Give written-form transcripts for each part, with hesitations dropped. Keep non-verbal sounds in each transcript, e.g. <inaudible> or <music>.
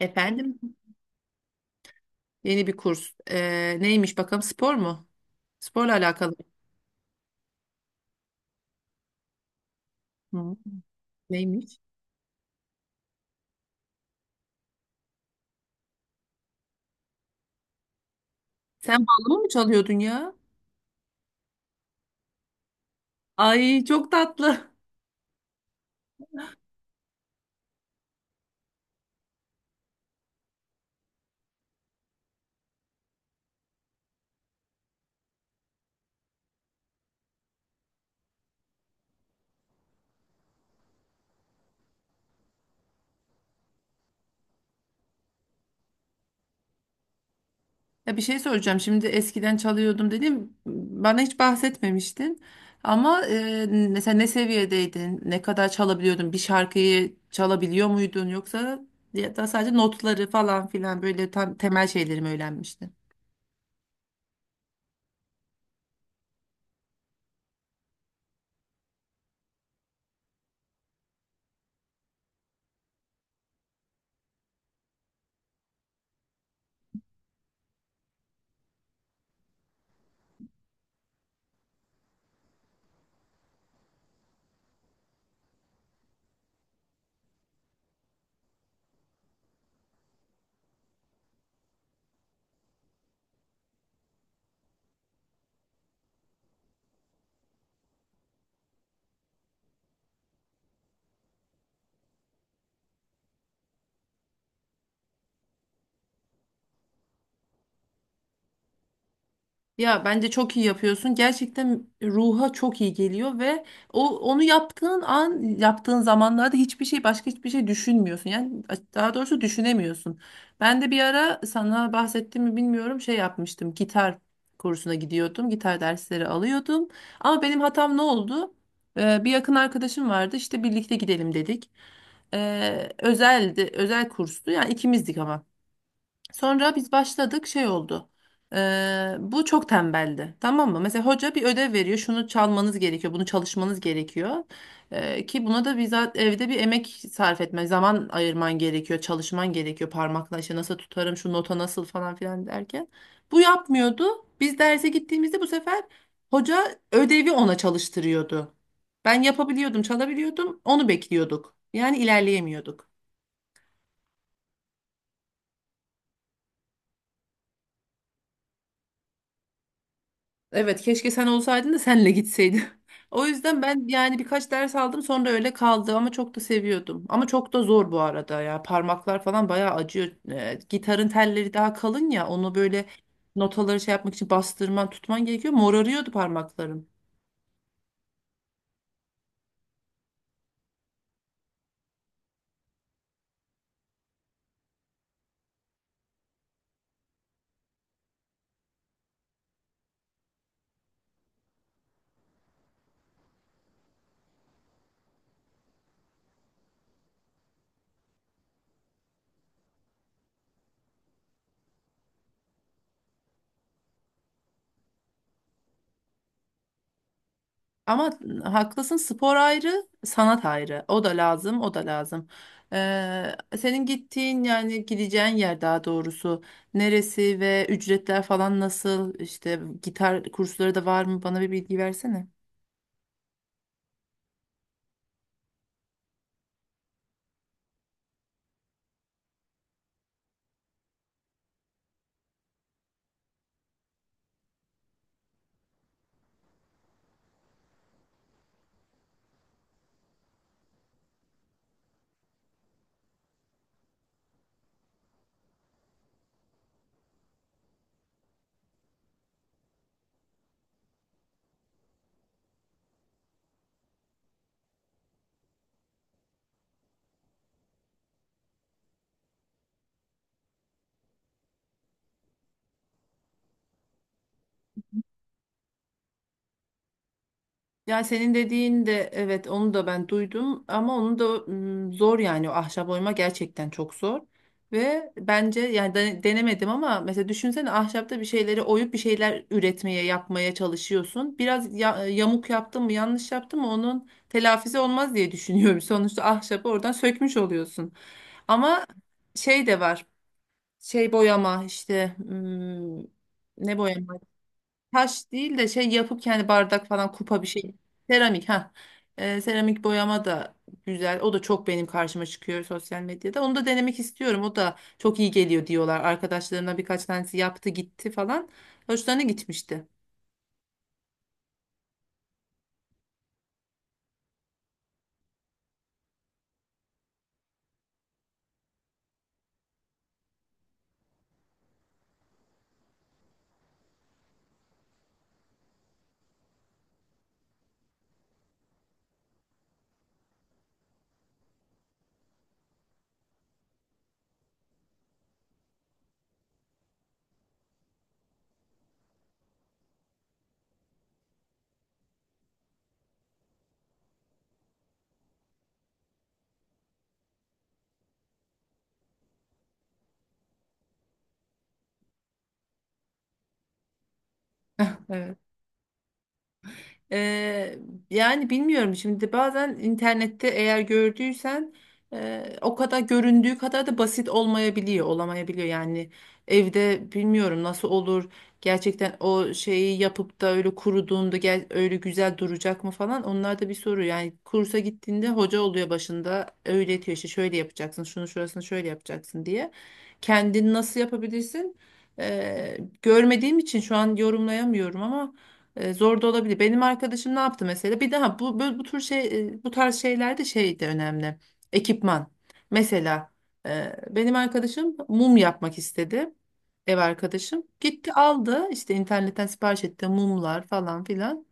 Efendim? Yeni bir kurs. Neymiş bakalım spor mu? Sporla alakalı. Hı, neymiş? Sen bağlama mı çalıyordun ya? Ay çok tatlı. Ya bir şey soracağım. Şimdi eskiden çalıyordum dedim. Bana hiç bahsetmemiştin. Ama mesela ne seviyedeydin? Ne kadar çalabiliyordun? Bir şarkıyı çalabiliyor muydun? Yoksa ya da sadece notları falan filan böyle tam temel şeyleri mi öğrenmiştin? Ya bence çok iyi yapıyorsun. Gerçekten ruha çok iyi geliyor ve onu yaptığın an, yaptığın zamanlarda hiçbir şey başka hiçbir şey düşünmüyorsun. Yani daha doğrusu düşünemiyorsun. Ben de bir ara sana bahsettim mi bilmiyorum şey yapmıştım. Gitar kursuna gidiyordum. Gitar dersleri alıyordum. Ama benim hatam ne oldu? Bir yakın arkadaşım vardı. İşte birlikte gidelim dedik. Özeldi, özel kurstu. Yani ikimizdik ama. Sonra biz başladık şey oldu. Bu çok tembeldi. Tamam mı? Mesela hoca bir ödev veriyor. Şunu çalmanız gerekiyor. Bunu çalışmanız gerekiyor. Ki buna da bizzat evde bir emek sarf etme. Zaman ayırman gerekiyor. Çalışman gerekiyor. Parmakla işte nasıl tutarım şu nota nasıl falan filan derken. Bu yapmıyordu. Biz derse gittiğimizde bu sefer hoca ödevi ona çalıştırıyordu. Ben yapabiliyordum, çalabiliyordum. Onu bekliyorduk. Yani ilerleyemiyorduk. Evet keşke sen olsaydın da senle gitseydim. <laughs> O yüzden ben yani birkaç ders aldım sonra öyle kaldı ama çok da seviyordum. Ama çok da zor bu arada ya parmaklar falan bayağı acıyor. Gitarın telleri daha kalın ya onu böyle notaları şey yapmak için bastırman tutman gerekiyor. Morarıyordu parmaklarım. Ama haklısın spor ayrı, sanat ayrı. O da lazım, o da lazım. Senin gittiğin yani gideceğin yer daha doğrusu neresi ve ücretler falan nasıl? İşte gitar kursları da var mı? Bana bir bilgi versene. Ya senin dediğin de evet onu da ben duydum ama onu da zor yani o ahşap oyma gerçekten çok zor. Ve bence yani denemedim ama mesela düşünsene ahşapta bir şeyleri oyup bir şeyler üretmeye yapmaya çalışıyorsun. Biraz yamuk yaptın mı yanlış yaptın mı onun telafisi olmaz diye düşünüyorum. <laughs> Sonuçta ahşabı oradan sökmüş oluyorsun. Ama şey de var şey boyama işte ne boyama? Taş değil de şey yapıp kendi bardak falan kupa bir şey. Seramik ha. Seramik boyama da güzel. O da çok benim karşıma çıkıyor sosyal medyada. Onu da denemek istiyorum. O da çok iyi geliyor diyorlar. Arkadaşlarımdan birkaç tanesi yaptı gitti falan. Hoşlarına gitmişti. Evet. Eee, Yani bilmiyorum şimdi bazen internette eğer gördüysen o kadar göründüğü kadar da basit olmayabiliyor, olamayabiliyor. Yani evde bilmiyorum nasıl olur gerçekten o şeyi yapıp da öyle kuruduğunda gel, öyle güzel duracak mı falan onlar da bir soru. Yani kursa gittiğinde hoca oluyor başında öğretiyor işte şöyle yapacaksın şunu şurasını şöyle yapacaksın diye. Kendini nasıl yapabilirsin? Görmediğim için şu an yorumlayamıyorum ama zor da olabilir. Benim arkadaşım ne yaptı mesela? Bir daha bu tür şey bu tarz şeylerde şey de önemli. Ekipman. Mesela benim arkadaşım mum yapmak istedi. Ev arkadaşım. Gitti aldı işte internetten sipariş etti mumlar falan filan.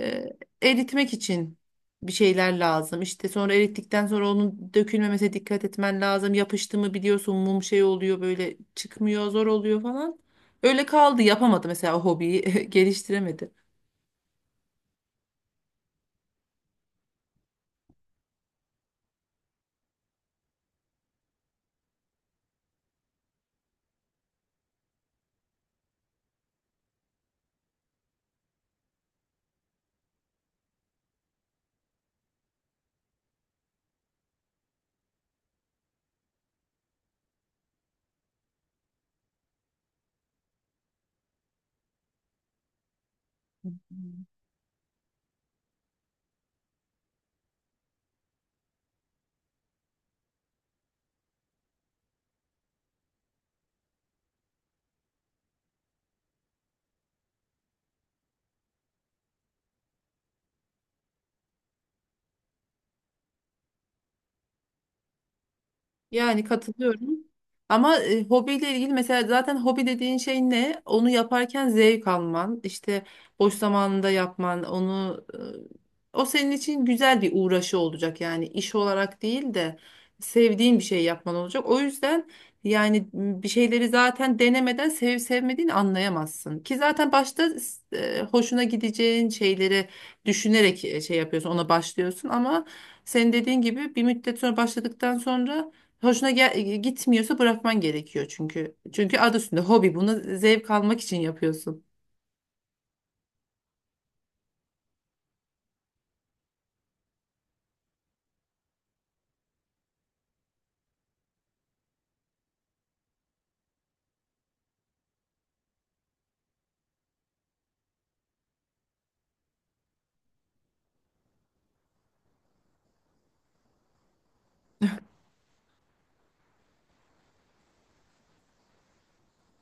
E, Eritmek için bir şeyler lazım. İşte sonra erittikten sonra onun dökülmemesine dikkat etmen lazım. Yapıştı mı biliyorsun mum şey oluyor böyle çıkmıyor zor oluyor falan. Öyle kaldı yapamadı mesela o hobiyi <laughs> geliştiremedi. Yani katılıyorum. Ama hobiyle ilgili mesela zaten hobi dediğin şey ne? Onu yaparken zevk alman, işte boş zamanında yapman, onu o senin için güzel bir uğraşı olacak. Yani iş olarak değil de sevdiğin bir şey yapman olacak. O yüzden yani bir şeyleri zaten denemeden sevip sevmediğini anlayamazsın. Ki zaten başta hoşuna gideceğin şeyleri düşünerek şey yapıyorsun, ona başlıyorsun ama senin dediğin gibi bir müddet sonra başladıktan sonra hoşuna gitmiyorsa bırakman gerekiyor çünkü. Çünkü adı üstünde hobi. Bunu zevk almak için yapıyorsun.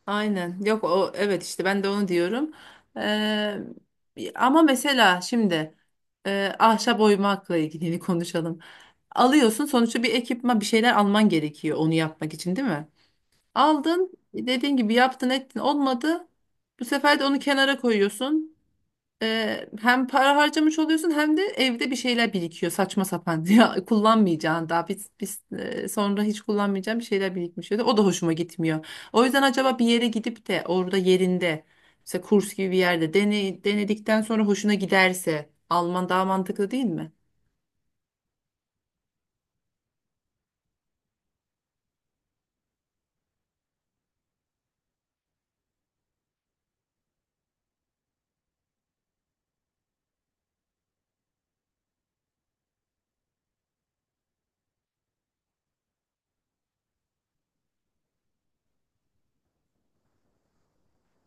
Aynen. Yok o evet işte ben de onu diyorum. Ee, Ama mesela şimdi ahşap oymakla ilgili <laughs> konuşalım. Alıyorsun sonuçta bir ekipman bir şeyler alman gerekiyor onu yapmak için değil mi? Aldın dediğin gibi yaptın ettin olmadı. Bu sefer de onu kenara koyuyorsun. Hem para harcamış oluyorsun hem de evde bir şeyler birikiyor saçma sapan <laughs> ya kullanmayacağın daha biz sonra hiç kullanmayacağım bir şeyler birikmiş oluyor. O da hoşuma gitmiyor. O yüzden acaba bir yere gidip de orada yerinde mesela kurs gibi bir yerde dene, denedikten sonra hoşuna giderse Alman daha mantıklı değil mi?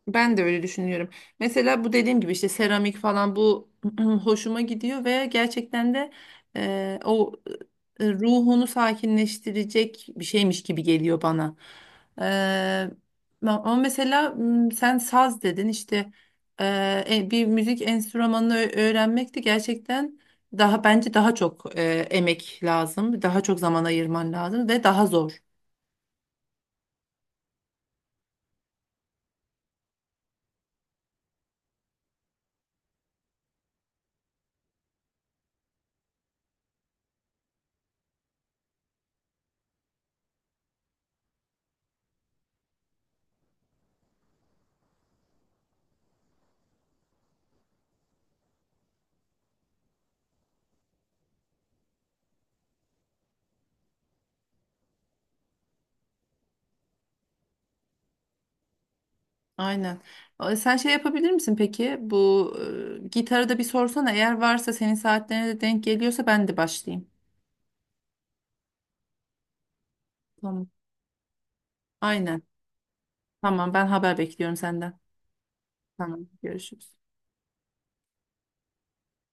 Ben de öyle düşünüyorum. Mesela bu dediğim gibi işte seramik falan bu <clears throat> hoşuma gidiyor ve gerçekten de o ruhunu sakinleştirecek bir şeymiş gibi geliyor bana. E, Ama mesela sen saz dedin işte bir müzik enstrümanını öğrenmek de gerçekten daha bence daha çok emek lazım, daha çok zaman ayırman lazım ve daha zor. Aynen. Sen şey yapabilir misin peki? Bu gitarı da bir sorsana. Eğer varsa senin saatlerine de denk geliyorsa ben de başlayayım. Tamam. Aynen. Tamam ben haber bekliyorum senden. Tamam görüşürüz.